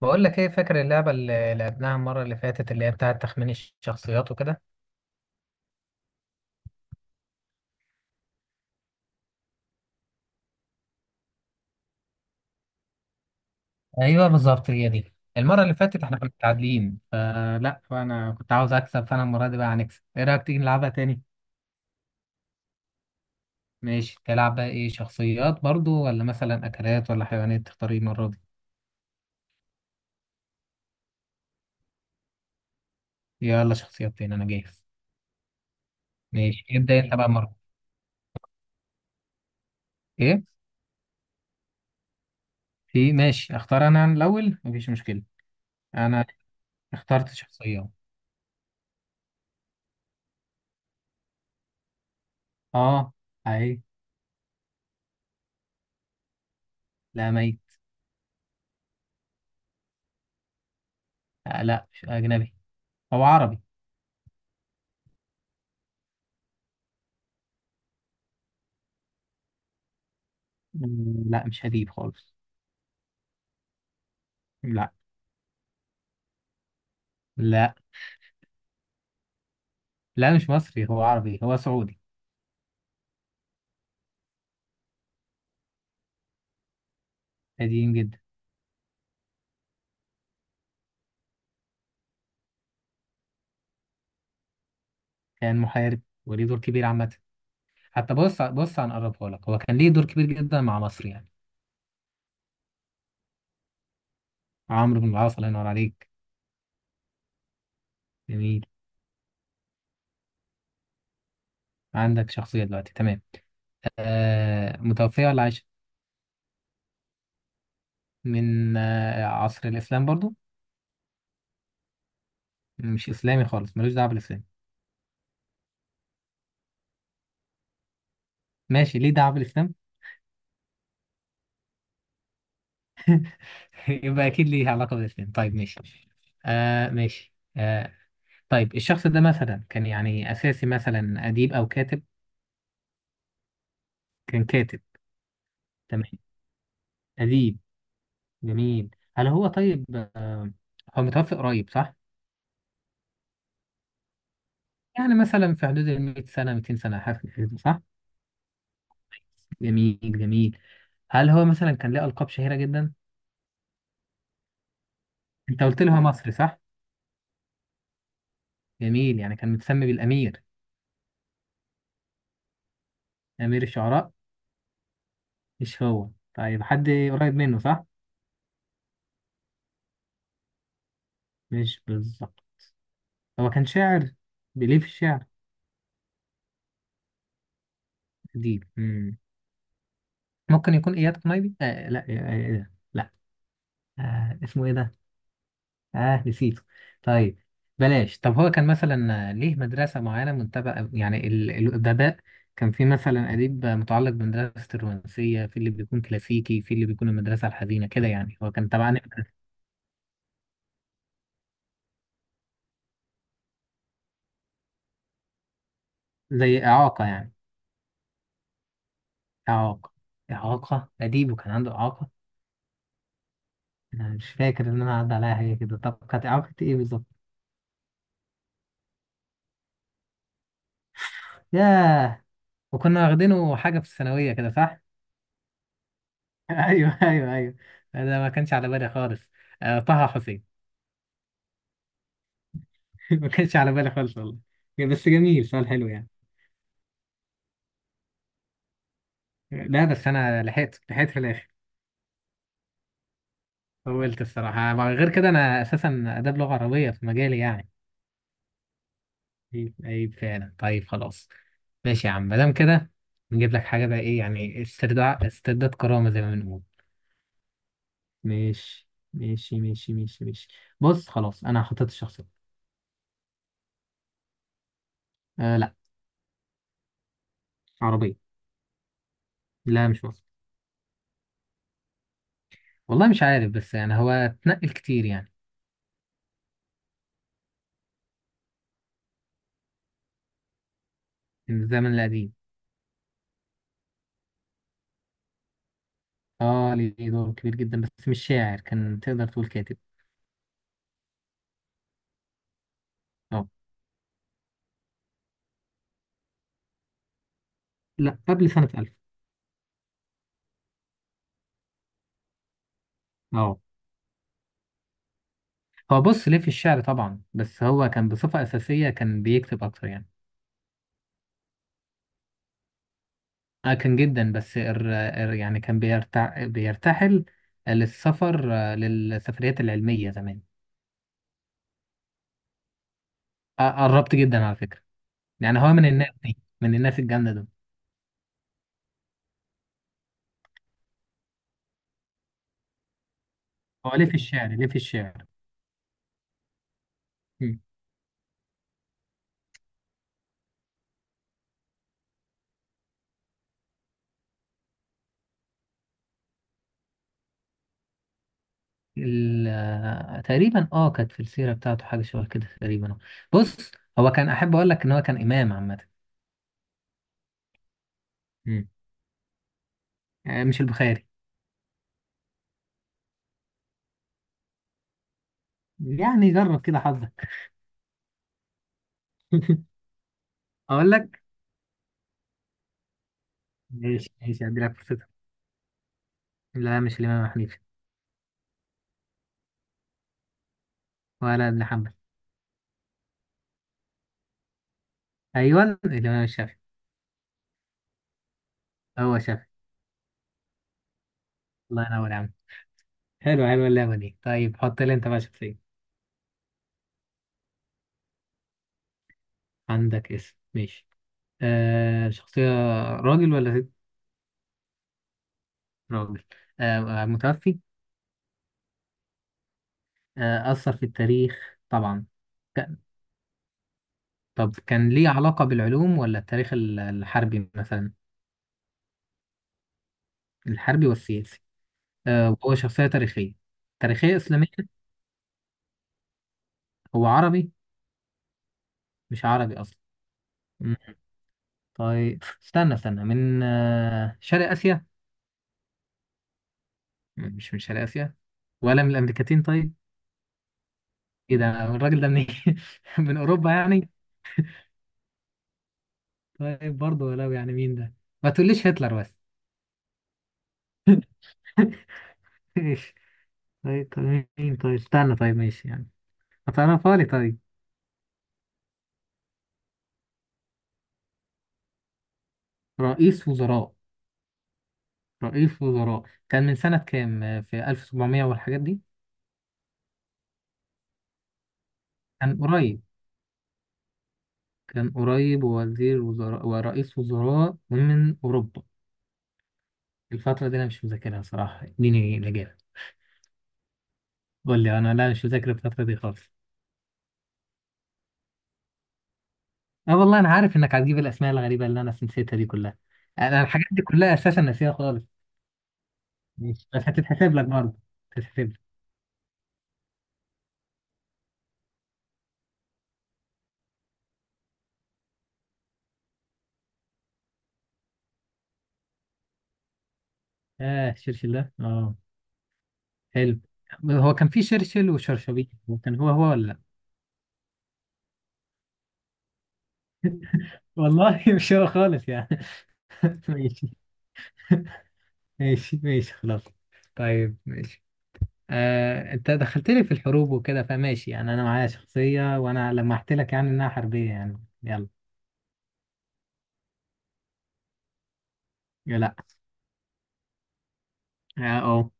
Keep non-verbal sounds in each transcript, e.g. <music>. بقول لك ايه، فاكر اللعبة اللي لعبناها المرة اللي فاتت اللي هي بتاعة تخمين الشخصيات وكده؟ ايوه بالظبط، هي دي. المرة اللي فاتت احنا كنا متعادلين فانا كنت عاوز اكسب، فانا المرة دي بقى هنكسب. ايه رأيك تيجي نلعبها تاني؟ ماشي، تلعب بقى ايه؟ شخصيات برضو ولا مثلا اكلات ولا حيوانات؟ تختار ايه المرة دي؟ يلا شخصيات تاني، انا جاهز. ماشي ابدأ انت بقى المرة دي. ايه في؟ ماشي اختار انا الاول، مفيش مشكلة. انا اخترت شخصية. اه. اهي. لا، ميت. آه لا، مش اجنبي، هو عربي. لا مش هجيب خالص. لا. لا. لا مش مصري، هو عربي، هو سعودي. قديم جدا. كان محارب وليه دور كبير عامة. حتى بص بص، هنقربها لك، هو كان ليه دور كبير جدا مع مصر يعني. عمرو بن العاص، الله ينور عليك. جميل. عندك شخصية دلوقتي، تمام. آه متوفية ولا عايشة؟ من آه، عصر الإسلام برضو؟ مش إسلامي خالص، ملوش دعوة بالإسلام؟ ماشي، ليه دعوة بالإسلام. <laughs> يبقى أكيد ليه علاقة بالإسلام، طيب ماشي. آه ماشي آه. طيب الشخص ده مثلا كان يعني أساسي، مثلا أديب أو كاتب؟ كان كاتب، تمام. أديب، جميل. هل هو طيب؟ آه، هو متوفي قريب صح؟ يعني مثلا في حدود ال 100 سنة، 200 سنة، حاجة كده صح؟ جميل جميل. هل هو مثلا كان ليه ألقاب شهيرة جدا؟ أنت قلت لي هو مصري صح؟ جميل، يعني كان متسمي بالأمير؟ أمير الشعراء؟ مش هو؟ طيب حد قريب منه صح؟ مش بالظبط. هو كان شاعر؟ بيليه في الشعر؟ أديب ممكن يكون اياد قنيبي؟ آه لا، آه آه، إيه ده؟ لا. آه اسمه ايه ده، اه نسيته. طيب بلاش. طب هو كان مثلا آه، ليه مدرسة معينة منتبه يعني الأدباء؟ كان في مثلا أديب متعلق بمدرسة الرومانسية، في اللي بيكون كلاسيكي، في اللي بيكون المدرسة الحزينة كده، يعني هو كان تبع المدرسة. زي إعاقة يعني؟ إعاقة. إعاقة، أديب وكان عنده إعاقة؟ أنا مش فاكر إن أنا عدى عليها هي كده. طب كانت إعاقة إيه بالظبط؟ ياه. وكنا واخدينه حاجة في الثانوية كده صح؟ <laughs> ايوه ايوه ايوه. انا ما كانش على بالي خالص. آه طه حسين. <laughs> ما كانش على بالي خالص والله. بس جميل، سؤال حلو يعني. لا بس انا لحقت، في الاخر. طولت الصراحه، غير كده انا اساسا اداب لغه عربيه في مجالي يعني. عيب عيب فعلا، طيب خلاص. ماشي يا عم، ما دام كده نجيب لك حاجه بقى. ايه يعني، استرداد، كرامه زي ما بنقول. ماشي. ماشي ماشي ماشي ماشي. بص خلاص، انا حطيت الشخصيه. آه لا. عربيه. لا مش مصري. والله مش عارف، بس يعني هو اتنقل كتير يعني. من الزمن القديم. اه، ليه دور كبير جدا، بس مش شاعر، كان تقدر تقول كاتب. اه. لا قبل سنة 1000. اه. هو بص ليه في الشعر طبعا، بس هو كان بصفة أساسية كان بيكتب أكتر يعني. اه كان جدا، بس ار ار يعني كان بيرتحل للسفر، آه، للسفريات العلمية زمان. آه، قربت جدا على فكرة. يعني هو من الناس دي، من الناس الجامدة دول. هو ليه في الشعر، ليه في الشعر. تقريبا اه، كانت في السيرة بتاعته حاجة شبه كده تقريبا. بص هو كان، أحب أقول لك إن هو كان إمام عامة. مم. آه، مش البخاري. يعني جرب كده حظك. <laughs> أقول لك. ماشي ماشي، هدي لك فرصتك. لا مش الإمام حنيفة. ولا ابن حنبل. أيوه الإمام الشافعي. هو شافعي. الله ينور يا عم. حلو حلو اللعبة دي. طيب حط لي أنت بقى شخصية. عندك اسم، ماشي. آه شخصية. راجل ولا ست؟ راجل. آه متوفي. آه أثر في التاريخ طبعا. طب كان ليه علاقة بالعلوم ولا التاريخ الحربي مثلا؟ الحربي والسياسي. آه وهو شخصية تاريخية. تاريخية إسلامية. هو عربي. مش عربي أصلا. مم. طيب استنى استنى، من آه، شرق آسيا؟ مش من شرق آسيا. ولا من الأمريكتين طيب؟ إيه ده، الراجل ده منين؟ <laughs> من أوروبا يعني؟ طيب برضه، ولو يعني مين ده؟ ما تقوليش هتلر بس. <laughs> ماشي. طيب طيب مين، طيب استنى، طيب ماشي يعني، هتعرفها لي طيب. رئيس وزراء. رئيس وزراء. كان من سنة كام، في 1700 والحاجات دي؟ كان قريب. ووزير وزراء ورئيس وزراء من أوروبا. الفترة دي أنا مش مذاكرها صراحة، اديني الإجابة. قول لي أنا، لا مش مذاكر الفترة دي خالص. أه والله أنا عارف إنك هتجيب الأسماء الغريبة اللي أنا نسيتها دي كلها. أنا الحاجات دي كلها أساسا ناسيها خالص. ماشي، بس هتتحسب لك برضه. هتتحسب لك. آه شرشل ده، أه. حلو. هو كان في شرشل وشرشبيل، هو كان هو هو ولا لأ؟ والله <laughs> مش هو خالص يعني. <laughs> ماشي. ماشي ماشي خلاص. طيب ماشي. آه، انت دخلت لي في الحروب وكده، فماشي يعني انا معايا شخصية وانا لمحت لك يعني انها حربية يعني، يلا. يا لا. اه أه.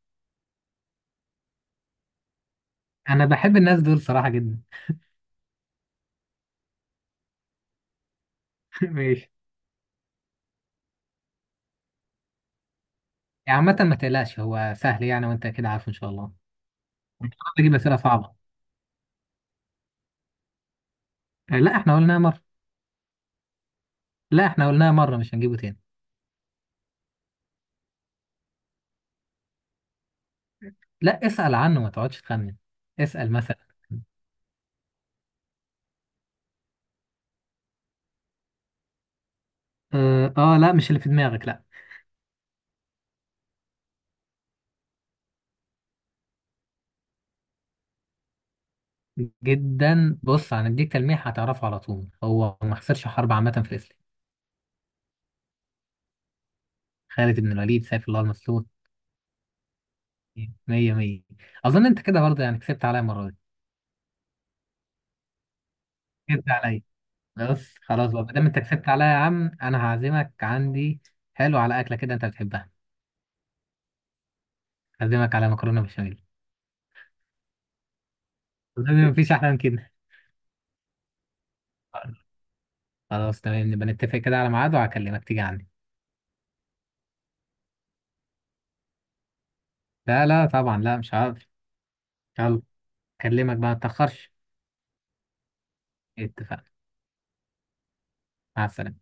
انا بحب الناس دول صراحة جدا. <laughs> ماشي. يعني عامة ما تقلقش، هو سهل يعني وانت كده عارفه ان شاء الله. انت بتجيب اسئلة صعبة. آه، لا احنا قلناها مرة. مش هنجيبه تاني. لا اسأل عنه، ما تقعدش تخمن. اسأل مثلا. اه آه، لا مش اللي في دماغك، لا. جدا، بص هنديك تلميح هتعرفه على طول، هو ما خسرش حرب عامة في الإسلام. خالد بن الوليد، سيف الله المسلول. مية مية. أظن أنت كده برضه يعني كسبت عليا المرة دي. كسبت عليا. بس خلاص بقى، مادام أنت كسبت عليا يا عم أنا هعزمك عندي. حلو، على أكلة كده أنت بتحبها. هعزمك على مكرونة بشاميل. ما مفيش أحلى من كده. خلاص تمام، نبقى نتفق كده على ميعاد وهكلمك تيجي عندي. لا لا طبعا، لا مش هقدر. يلا. أكلمك بقى، ما تأخرش. اتفقنا. مع السلامة.